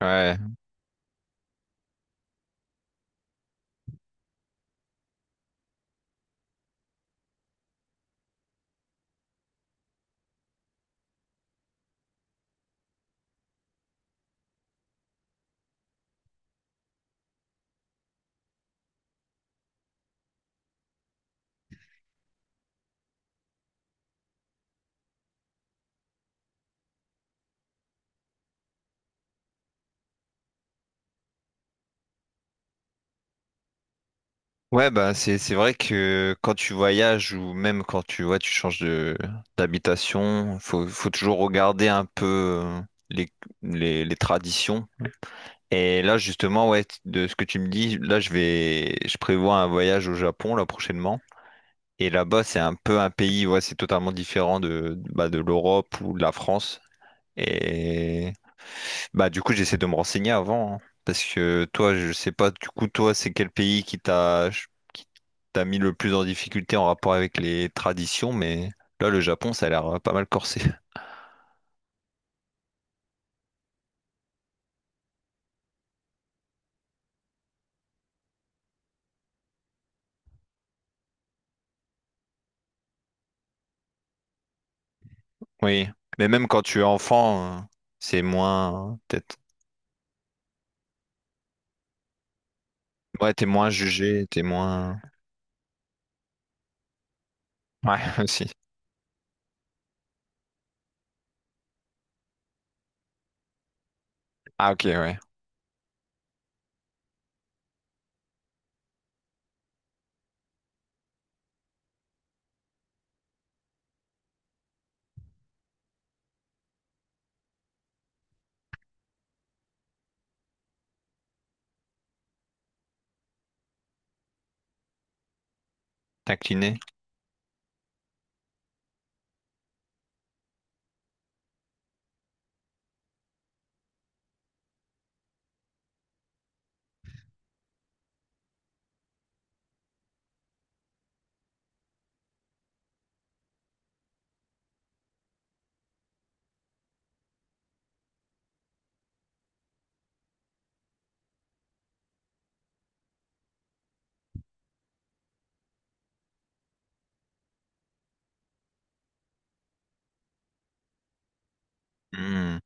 Ouais, ouais, bah c'est vrai que quand tu voyages ou même quand tu ouais tu changes de d'habitation, faut toujours regarder un peu les les traditions. Et là justement ouais de ce que tu me dis, là je prévois un voyage au Japon là prochainement. Et là-bas c'est un peu un pays ouais c'est totalement différent de de l'Europe ou de la France. Bah du coup j'essaie de me renseigner avant hein, parce que toi je sais pas du coup toi c'est quel pays qui t'a mis le plus en difficulté en rapport avec les traditions, mais là le Japon ça a l'air pas mal corsé. Oui, mais même quand tu es enfant, c'est moins peut-être ouais t'es moins jugé t'es moins ouais aussi ah ok ouais t'incliner ouais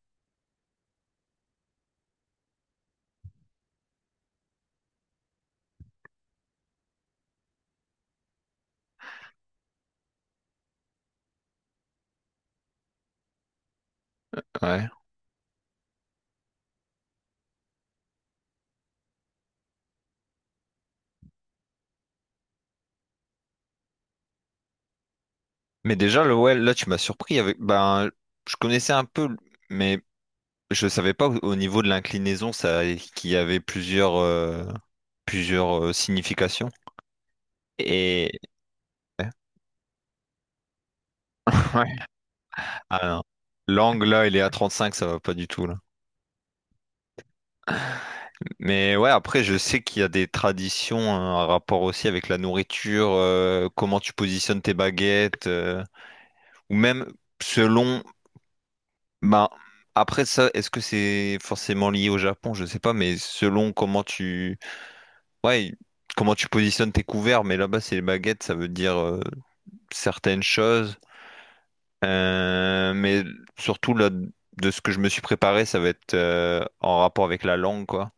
mais déjà le ouais là tu m'as surpris avec ben je connaissais un peu mais je savais pas au au niveau de l'inclinaison ça qu'il y avait plusieurs significations. Et ouais. Ah non. L'angle là, il est à 35, ça va pas du tout là. Mais ouais, après je sais qu'il y a des traditions, hein, un rapport aussi avec la nourriture, comment tu positionnes tes baguettes, ou même selon bah après ça, est-ce que c'est forcément lié au Japon? Je sais pas, mais selon comment tu ouais, comment tu positionnes tes couverts, mais là-bas c'est les baguettes, ça veut dire certaines choses. Mais surtout, là, de ce que je me suis préparé, ça va être en rapport avec la langue, quoi.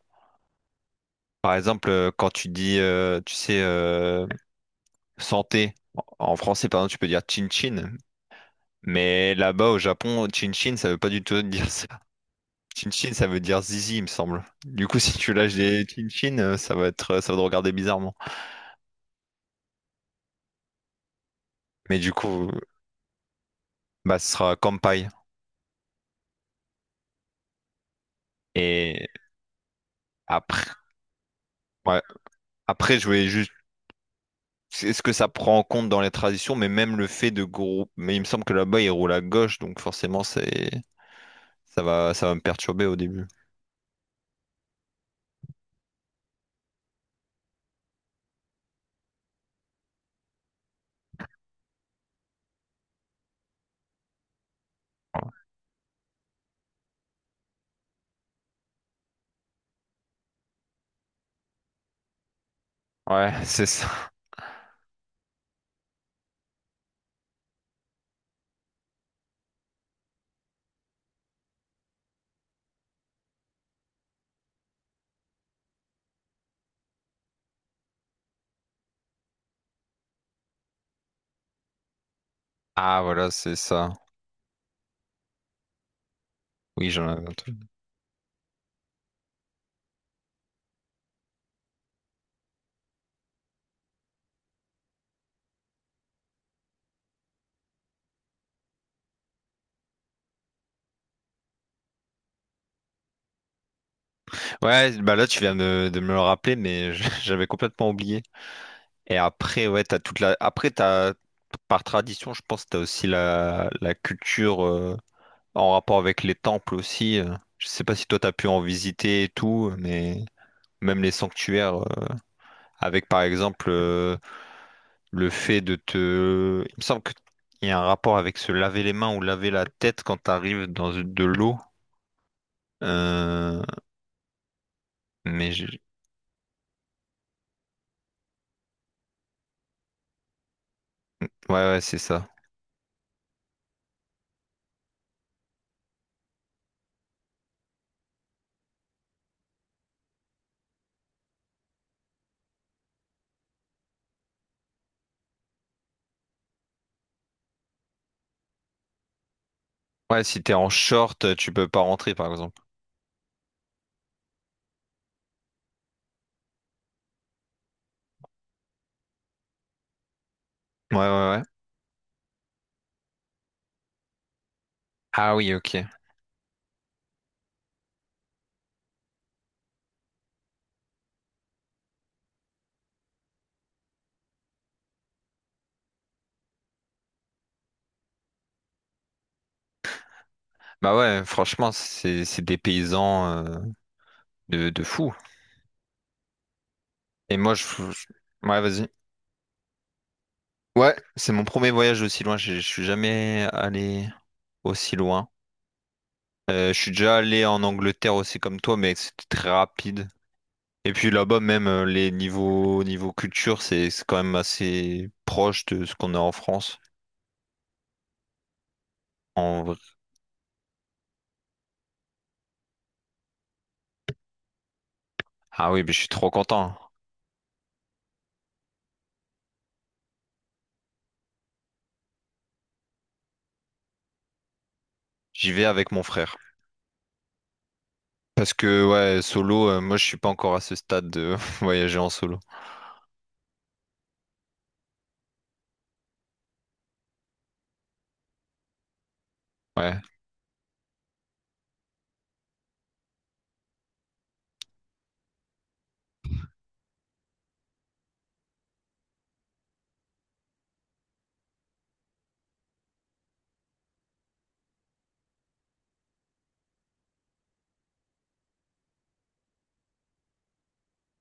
Par exemple, quand tu dis, tu sais, santé, en français, par exemple, tu peux dire chin-chin, mais là-bas, au Japon, chin-chin, ça veut pas du tout dire ça. Chin-chin, ça veut dire zizi, il me semble. Du coup, si tu lâches des chin-chin, ça va être, ça va te regarder bizarrement. Mais du coup, bah, ce sera kampai. Et après, ouais. Après, je voulais juste c'est- est-ce que ça prend en compte dans les traditions, mais même le fait de groupe. Mais il me semble que là-bas, ils roulent à gauche, donc forcément, c'est ça va me perturber au début. Ouais, c'est ça. Ah, voilà, c'est ça. Oui, j'en avais entendu. Ouais, bah là, tu viens de me le rappeler, mais je- j'avais complètement oublié. Et après, ouais, t'as toute la. Après, t'as par tradition, je pense, t'as aussi la culture en rapport avec les temples aussi. Euh. Je sais pas si toi, t'as pu en visiter et tout, mais même les sanctuaires, avec par exemple. Euh, le fait de te... Il me semble qu'il y a un rapport avec se laver les mains ou laver la tête quand t'arrives dans de l'eau. Euh, Mais je- ouais, c'est ça. Ouais, si t'es en short, tu peux pas rentrer, par exemple. Ouais. Ah oui, ok. Bah ouais, franchement, c'est des paysans de fou. Et moi, je- Ouais, vas-y. Ouais, c'est mon premier voyage aussi loin. Je suis jamais allé aussi loin. Je suis déjà allé en Angleterre aussi comme toi, mais c'était très rapide. Et puis là-bas, même les niveaux niveau culture, c'est quand même assez proche de ce qu'on a en France. En vrai. Ah oui, mais je suis trop content. J'y vais avec mon frère. Parce que ouais, solo, moi je suis pas encore à ce stade de voyager en solo. Ouais,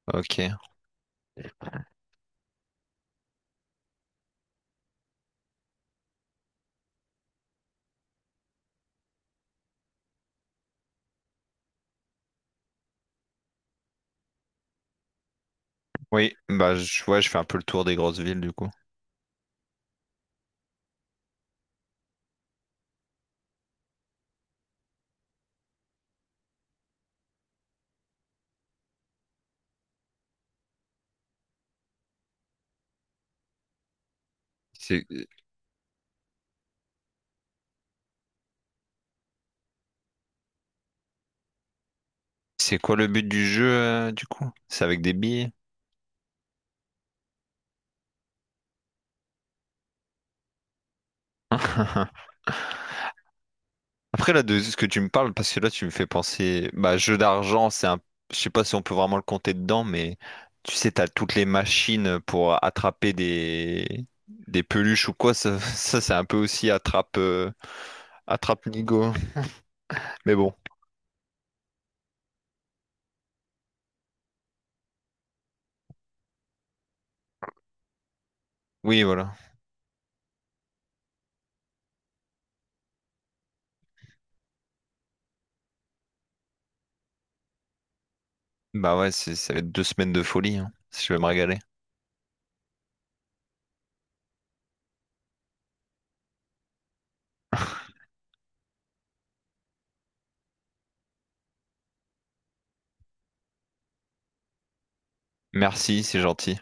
ok. Oui, bah je, ouais, je fais un peu le tour des grosses villes du coup. C'est c'est quoi le but du jeu du coup? C'est avec des billets? Après, là, de ce que tu me parles, parce que là, tu me fais penser, bah, jeu d'argent, c'est un, je sais pas si on peut vraiment le compter dedans, mais tu sais, t'as toutes les machines pour attraper des peluches ou quoi, ça, ça, c'est un peu aussi attrape, attrape Nigo. Mais bon, oui, voilà. Bah ouais, c'est- ça va être 2 semaines de folie, hein. Je vais me régaler. Merci, c'est gentil.